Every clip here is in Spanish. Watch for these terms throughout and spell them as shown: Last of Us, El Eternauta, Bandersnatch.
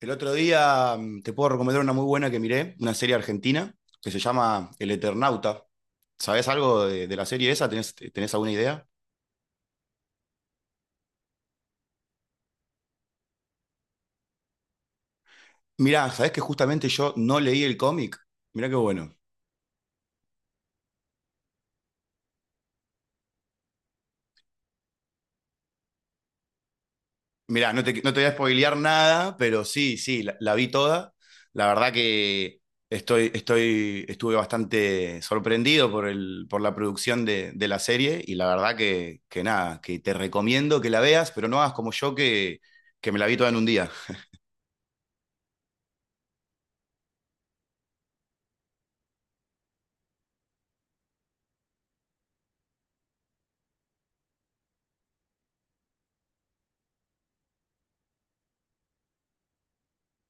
El otro día te puedo recomendar una muy buena que miré, una serie argentina que se llama El Eternauta. ¿Sabés algo de la serie esa? ¿Tenés alguna idea? Mirá, ¿sabés que justamente yo no leí el cómic? Mirá qué bueno. Mirá, no te voy a spoilear nada, pero sí, sí, la vi toda. La verdad que estuve bastante sorprendido por por la producción de la serie y la verdad que nada, que te recomiendo que la veas, pero no hagas como yo que me la vi toda en un día.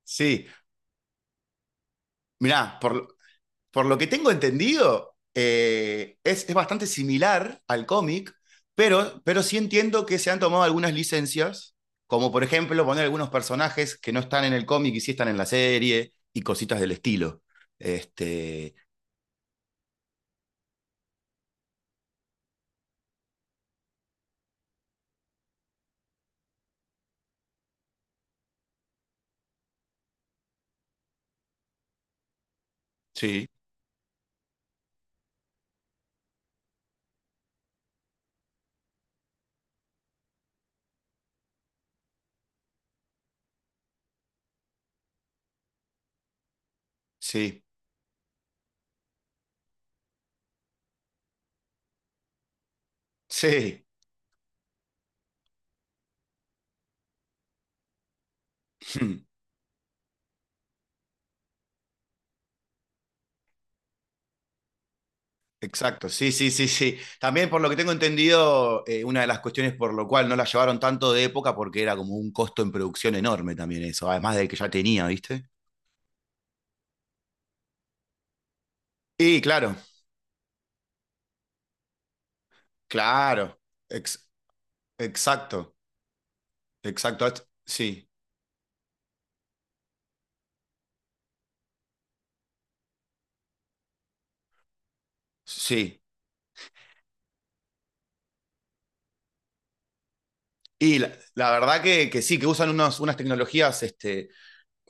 Sí. Mirá, por lo que tengo entendido, es bastante similar al cómic, pero sí entiendo que se han tomado algunas licencias, como por ejemplo poner algunos personajes que no están en el cómic y sí están en la serie y cositas del estilo. Este, sí, sí, sí. Exacto, sí, sí, sí, sí. También por lo que tengo entendido, una de las cuestiones por lo cual no la llevaron tanto de época, porque era como un costo en producción enorme también eso, además del que ya tenía, ¿viste? Y claro. Claro, ex- exacto, exacto. Sí, sí. Y la verdad que sí, que usan unas tecnologías, este,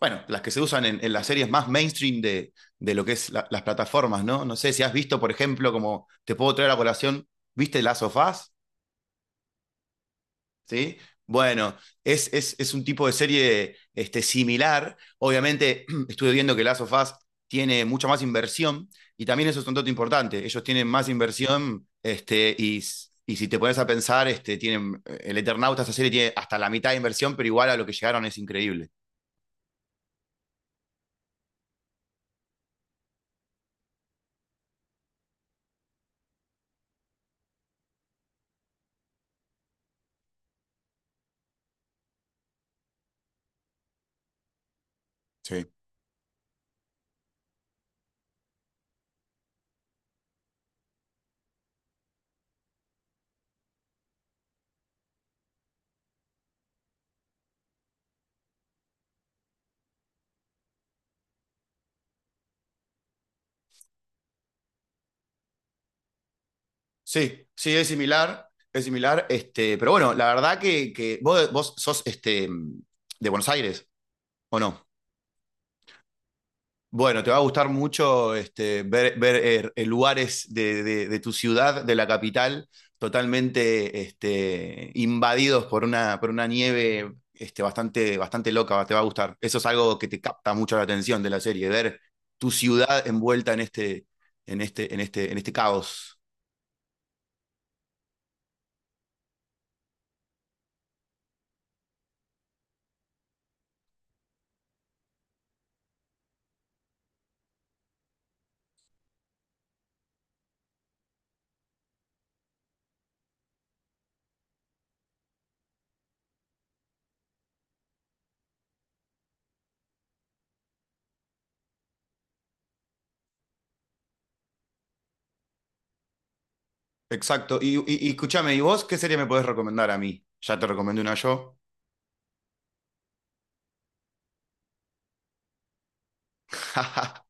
bueno, las que se usan en las series más mainstream de lo que es las plataformas, ¿no? No sé si has visto, por ejemplo, como te puedo traer a colación, ¿viste Last of Us? ¿Sí? Bueno, es un tipo de serie este, similar. Obviamente, estuve viendo que Last of Us tiene mucha más inversión y también eso es un dato importante. Ellos tienen más inversión este, y si te pones a pensar, este, tienen, el Eternauta, esta serie tiene hasta la mitad de inversión, pero igual a lo que llegaron es increíble. Sí. Sí, sí, es similar, este, pero bueno, la verdad que vos, vos sos este, de Buenos Aires, ¿o no? Bueno, te va a gustar mucho este, ver, lugares de tu ciudad, de la capital, totalmente este, invadidos por una nieve este, bastante, bastante loca, te va a gustar. Eso es algo que te capta mucho la atención de la serie, ver tu ciudad envuelta en este caos. Exacto. Y escúchame, ¿y vos qué serie me podés recomendar a mí? Ya te recomendé una yo.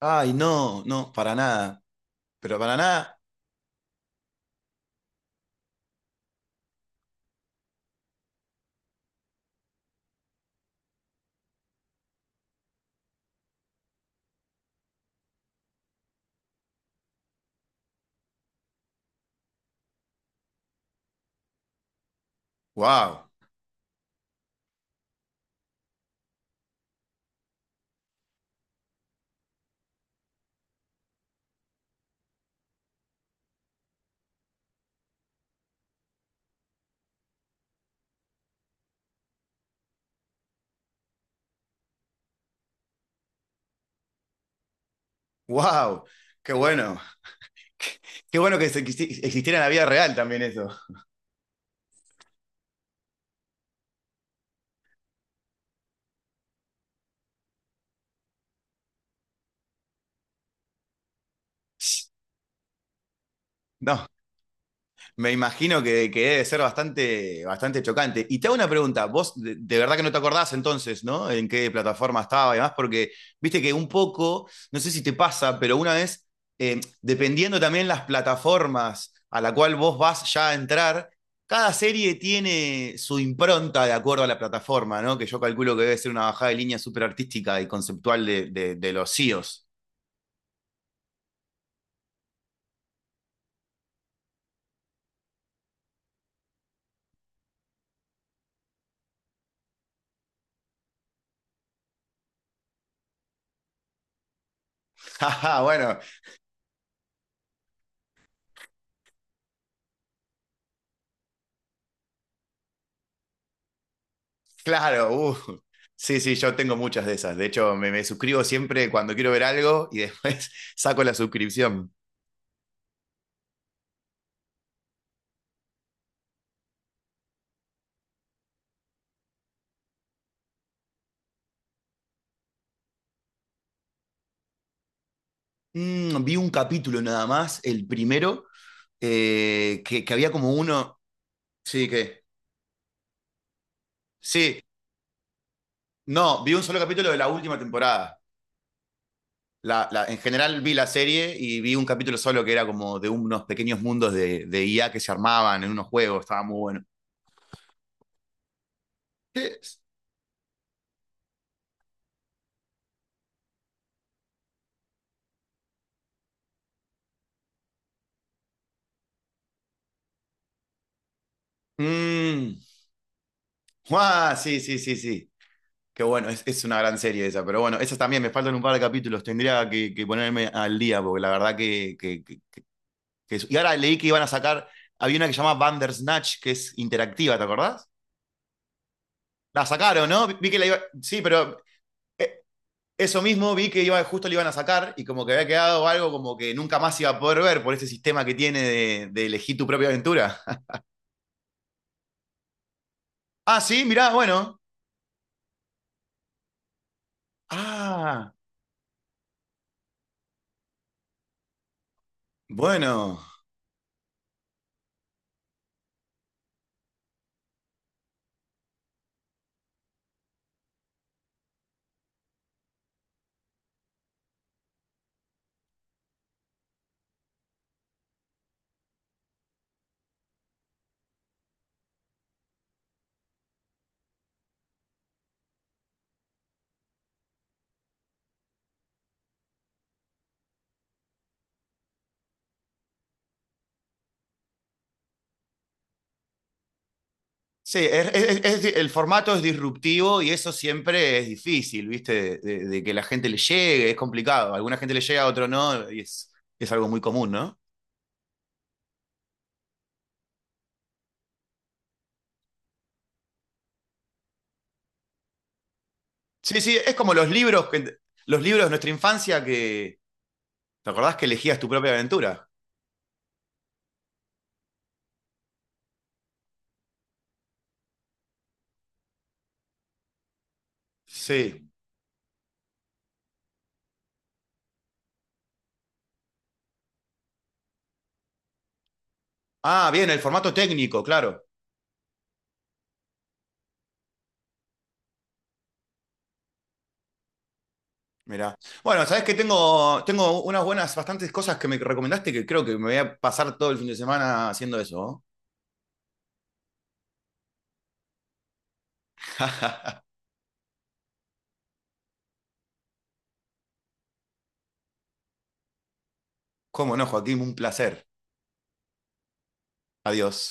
Ay, no, no, para nada. Pero para nada, wow. ¡Wow! ¡Qué bueno! Qué Qué bueno que que existiera en la vida real también eso. No. Me imagino que debe ser bastante, bastante chocante. Y te hago una pregunta, vos de verdad que no te acordás entonces, ¿no? En qué plataforma estaba y demás, porque viste que un poco, no sé si te pasa, pero una vez, dependiendo también las plataformas a la cual vos vas ya a entrar, cada serie tiene su impronta de acuerdo a la plataforma, ¿no? Que yo calculo que debe ser una bajada de línea súper artística y conceptual de los CEOs. Bueno. Claro, sí, sí, yo tengo muchas de esas. De hecho, me suscribo siempre cuando quiero ver algo y después saco la suscripción. Mm, vi un capítulo nada más, el primero, que había como uno. Sí, que. Sí, no, vi un solo capítulo de la última temporada. En general vi la serie y vi un capítulo solo que era como de unos pequeños mundos de IA que se armaban en unos juegos, estaba muy bueno. ¿Qué es? Mm, ah, sí, sí, sí, sí. Qué bueno, es una gran serie esa, pero bueno, esas también me faltan un par de capítulos, tendría que ponerme al día, porque la verdad y ahora leí que iban a sacar, había una que se llama Bandersnatch, que es interactiva, ¿te acordás? La sacaron, ¿no? Vi que la iba... Sí, pero eh, eso mismo vi que iba, justo la iban a sacar y como que había quedado algo como que nunca más iba a poder ver por ese sistema que tiene de elegir tu propia aventura. Ah, sí, mirá, bueno. Ah, bueno. Sí, el formato es disruptivo y eso siempre es difícil, ¿viste? De que la gente le llegue, es complicado. A alguna gente le llega, a otro no, y es algo muy común, ¿no? Sí, sí, es como los libros, que, los libros de nuestra infancia que, ¿te acordás que elegías tu propia aventura? Sí. Ah, bien, el formato técnico, claro. Mirá. Bueno, sabés que tengo, tengo unas buenas, bastantes cosas que me recomendaste que creo que me voy a pasar todo el fin de semana haciendo eso. ¿No? Cómo no, Joaquín, un placer. Adiós.